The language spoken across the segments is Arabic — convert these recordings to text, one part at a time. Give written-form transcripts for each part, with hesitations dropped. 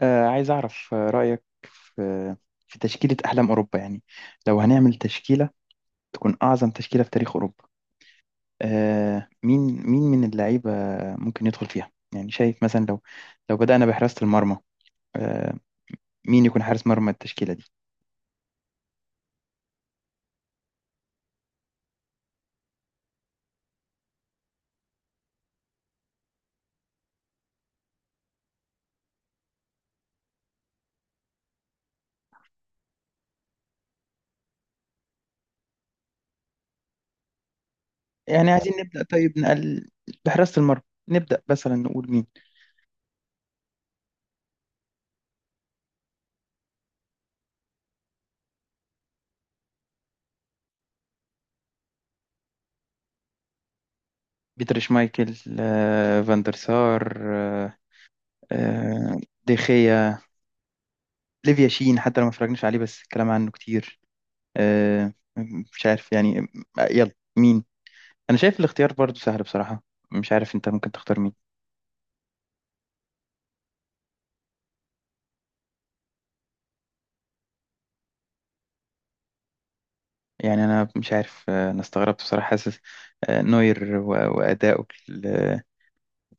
عايز أعرف رأيك في تشكيلة أحلام أوروبا، يعني لو هنعمل تشكيلة تكون أعظم تشكيلة في تاريخ أوروبا. آه، مين مين من اللعيبة ممكن يدخل فيها؟ يعني شايف مثلا لو بدأنا بحراسة المرمى، آه، مين يكون حارس مرمى التشكيلة دي؟ يعني عايزين نبدأ، طيب نقل بحراسة المرمى، نبدأ مثلا نقول مين. بيتر شمايكل، فان دير سار، آه، ديخيا، ليفيا شين، حتى لو ما اتفرجناش عليه بس الكلام عنه كتير. آه، مش عارف يعني. يلا مين؟ انا شايف الاختيار برضو سهل بصراحة، مش عارف انت ممكن تختار مين. يعني انا مش عارف، انا استغربت بصراحة. حاسس نوير واداؤه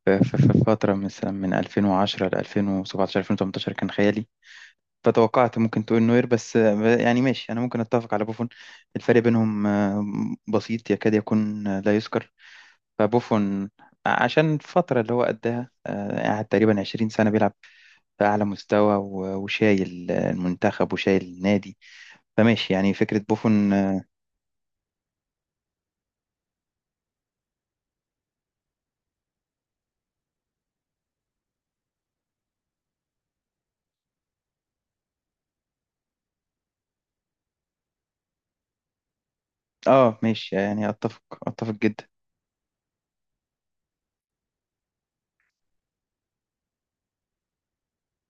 في في فترة مثلا من 2010 ل 2017 2018 كان خيالي، فتوقعت ممكن تقول نوير، بس يعني ماشي، انا ممكن اتفق على بوفون. الفرق بينهم بسيط، يكاد يكون لا يذكر. فبوفون عشان الفترة اللي هو قدها، قعد تقريبا 20 سنة بيلعب في أعلى مستوى، وشايل المنتخب وشايل النادي. فماشي يعني فكرة بوفون. آه ماشي، يعني أتفق، أتفق جدا.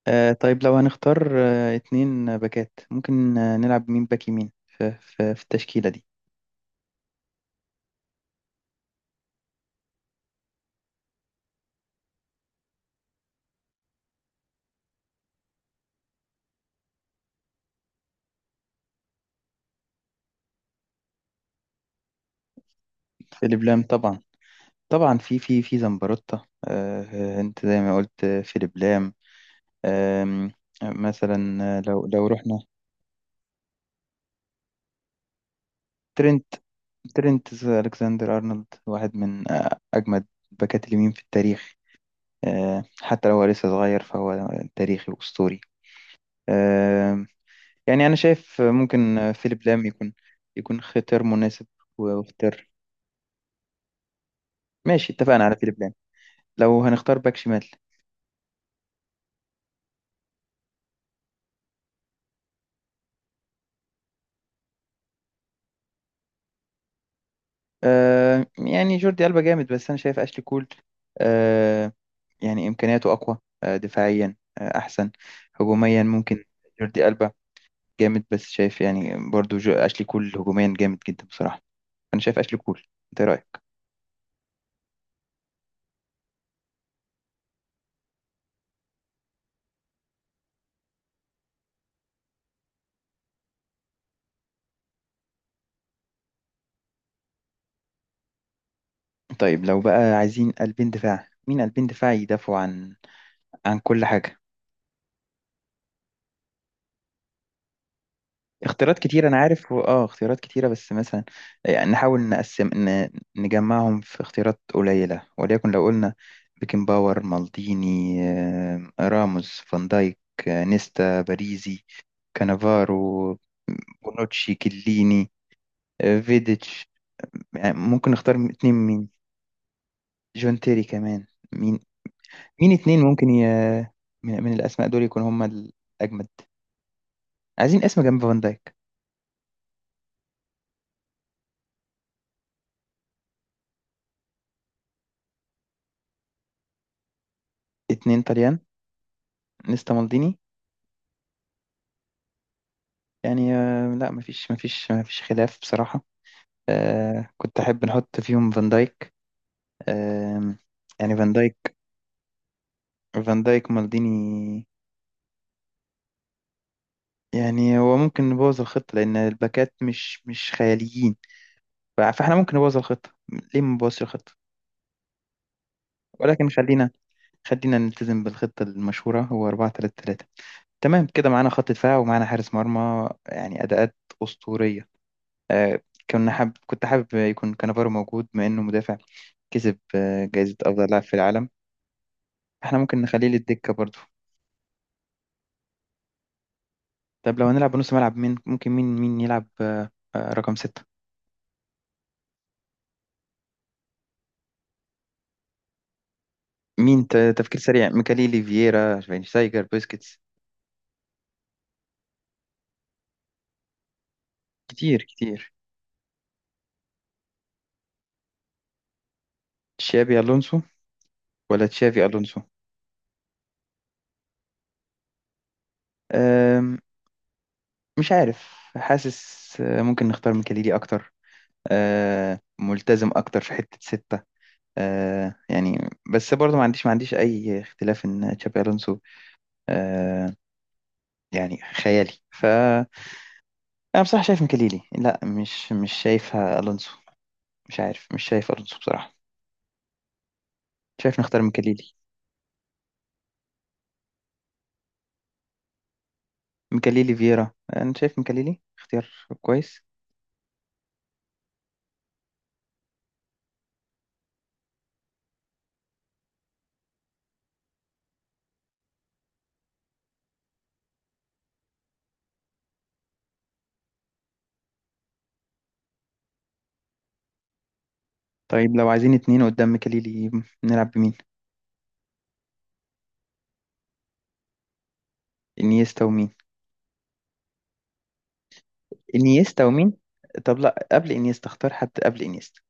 آه طيب، لو هنختار آه اتنين باكات، ممكن آه نلعب مين باك يمين في التشكيلة دي؟ فيليب لام طبعا، طبعا في زمبروتا. أنت زي ما قلت فيليب لام. آم، مثلا لو رحنا ترينت، ترينت ألكسندر أرنولد، واحد من أجمد باكات اليمين في التاريخ. حتى لو هو لسه صغير، فهو تاريخي وأسطوري. آه، يعني أنا شايف ممكن فيليب لام يكون يكون اختيار مناسب واختيار. ماشي، اتفقنا على فيليب لام. لو هنختار باك شمال، يعني جوردي ألبا جامد، بس أنا شايف أشلي كول آه، يعني إمكانياته أقوى، دفاعيا أحسن، هجوميا ممكن. جوردي ألبا جامد، بس شايف يعني برضو أشلي كول هجوميا جامد جدا بصراحة. أنا شايف أشلي كول. أنت إيه رأيك؟ طيب لو بقى عايزين قلبين دفاع، مين قلبين دفاع يدافعوا عن عن كل حاجة؟ اختيارات كتيرة أنا عارف، اختيارات كتيرة بس مثلا، يعني نحاول نقسم نجمعهم في اختيارات قليلة. وليكن لو قلنا بيكنباور، مالديني، راموس، فان دايك، نيستا، باريزي، كانافارو، بونوتشي، كيليني، فيديتش. يعني ممكن نختار اتنين مين؟ جون تيري كمان. مين مين اتنين ممكن من... من الأسماء دول يكون هما الأجمد؟ عايزين اسم جنب فان دايك. اتنين طليان نيستا مالديني، يعني لا، مفيش خلاف بصراحة. آه كنت أحب نحط فيهم فان دايك، آه يعني فان دايك، فان دايك مالديني. يعني هو ممكن نبوظ الخطة لأن الباكات مش مش خياليين، فاحنا ممكن نبوظ الخطة، ليه ما نبوظش الخطة؟ ولكن خلينا، خلينا نلتزم بالخطة المشهورة هو 4 3 3. تمام كده، معانا خط دفاع ومعانا حارس مرمى، يعني أداءات أسطورية. آه، كنا حاب، كنت حابب يكون كانافارو موجود، بما انه مدافع كسب جائزة افضل لاعب في العالم. احنا ممكن نخليه للدكة برضو. طب لو هنلعب بنص ملعب، مين ممكن مين مين يلعب رقم ستة؟ مين تفكير سريع، ميكاليلي، فييرا، شفاينشتايجر، بوسكيتس. كتير كتير. تشابي الونسو ولا تشافي الونسو؟ آم، مش عارف. حاسس ممكن نختار ميكاليلي اكتر، ملتزم اكتر في حتة ستة. يعني بس برضو ما عنديش اي اختلاف ان تشابي الونسو آه يعني خيالي. فأنا بصراحة شايف مكليلي، لا مش مش شايفها ألونسو. مش عارف، مش شايف ألونسو بصراحة، شايف نختار مكليلي. مكليلي فييرا، أنا شايف مكليلي اختيار كويس. طيب لو عايزين اتنين قدام مكليلي، نلعب بمين؟ انيستا ومين. انيستا ومين. طب لا، قبل انيستا، اختار حد قبل انيستا.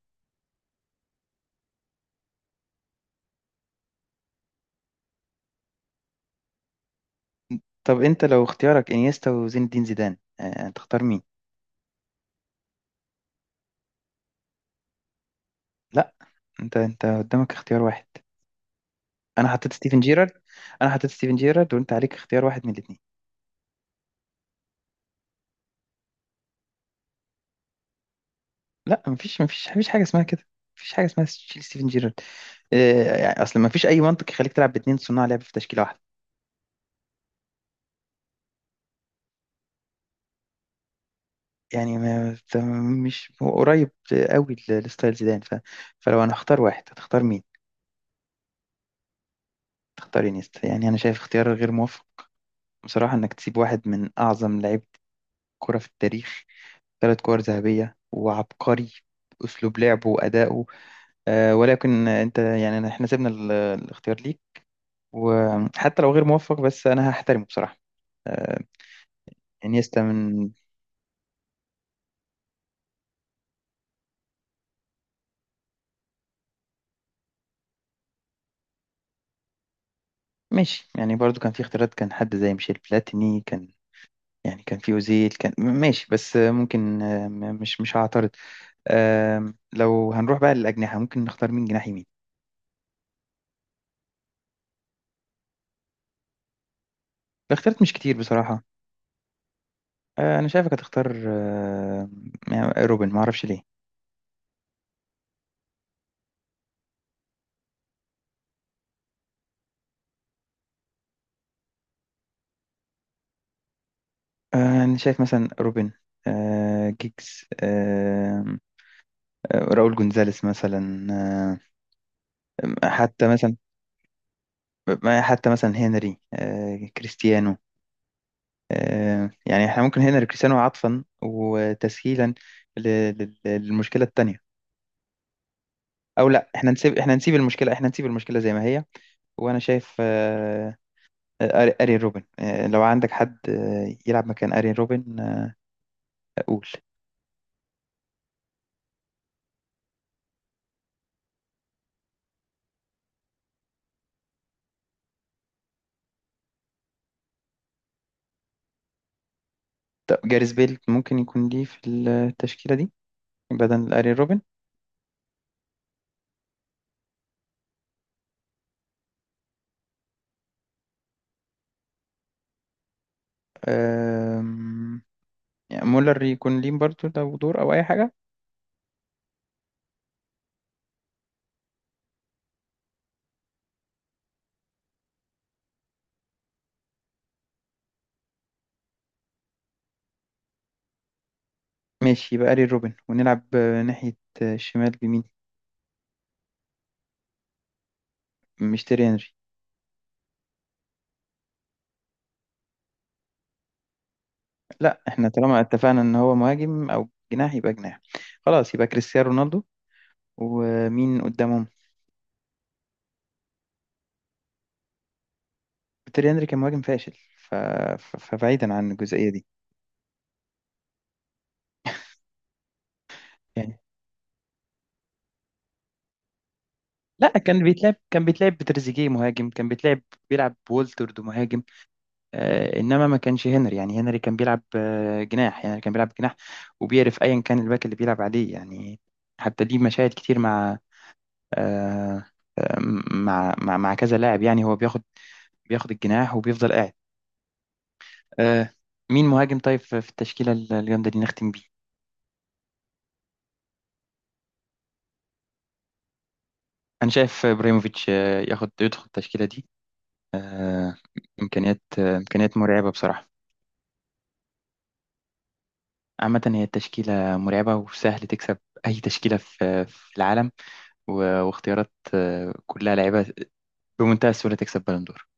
طب انت لو اختيارك انيستا وزين الدين زيدان، تختار مين؟ لا، انت قدامك اختيار واحد، انا حطيت ستيفن جيرارد. انا حطيت ستيفن جيرارد، وانت عليك اختيار واحد من الاتنين. لا، مفيش حاجه اسمها كده، مفيش حاجه اسمها تشيل ستيفن جيرارد. يعني اصل مفيش اي منطق يخليك تلعب باتنين صناع لعب في تشكيله واحده. يعني ما ت- مش هو قريب قوي لستايل زيدان. فلو انا هختار واحد، هتختار مين؟ تختار انيستا؟ يعني انا شايف اختيار غير موفق بصراحه، انك تسيب واحد من اعظم لعيبه كره في التاريخ، ثلاث كور ذهبيه وعبقري اسلوب لعبه وادائه. أه ولكن انت يعني احنا سيبنا الاختيار ليك، وحتى لو غير موفق بس انا هحترمه بصراحه. آه، انيستا من. ماشي، يعني برضو كان في اختيارات، كان حد زي ميشيل بلاتيني كان، يعني كان في اوزيل كان، ماشي بس ممكن، مش مش هعترض. لو هنروح بقى للأجنحة، ممكن نختار مين جناح يمين؟ الاختيارات مش كتير بصراحة. انا شايفك هتختار يعني روبن، ما اعرفش ليه. انا شايف مثلا روبن، جيجز، راؤول جونزاليس مثلا حتى مثلا، حتى مثلا هنري، كريستيانو. يعني احنا ممكن هنا لكريستيانو عطفا وتسهيلا ل- للمشكله التانيه. او لا، احنا نسيب، احنا نسيب المشكله، احنا نسيب المشكله زي ما هي. وانا شايف ارين روبن. لو عندك حد يلعب مكان ارين روبن، قول. طب جاريس بيل ممكن يكون ليه في التشكيله دي بدل ارين روبن؟ آم، يعني مولر يكون ليه برضه لو دور او اي حاجه؟ ماشي يبقى ارين روبن، ونلعب ناحيه الشمال بمين؟ مش تيري هنري. لا، احنا طالما اتفقنا ان هو مهاجم او جناح، يبقى جناح. خلاص يبقى كريستيانو رونالدو. ومين قدامهم؟ تيري هنري كان مهاجم فاشل. ف... فبعيدا عن الجزئية دي، يعني. لا كان بيتلعب، كان بيتلعب بتريزيجيه مهاجم، كان بيتلعب، بيلعب بولترد مهاجم. آه انما ما كانش هنري، يعني هنري كان بيلعب آه جناح، يعني كان بيلعب جناح، وبيعرف ايا كان الباك اللي بيلعب عليه، يعني حتى دي مشاهد كتير مع آه آه، مع كذا لاعب. يعني هو بياخد، بياخد الجناح وبيفضل قاعد. آه. مين مهاجم طيب في التشكيلة الجامدة دي، نختم بيه؟ أنا شايف إبراهيموفيتش ياخد، يدخل التشكيلة دي. آه إمكانيات مرعبة بصراحة. عامة هي التشكيلة مرعبة، وسهل تكسب أي تشكيلة في العالم. واختيارات كلها لعيبة، بمنتهى السهولة تكسب بالون دور.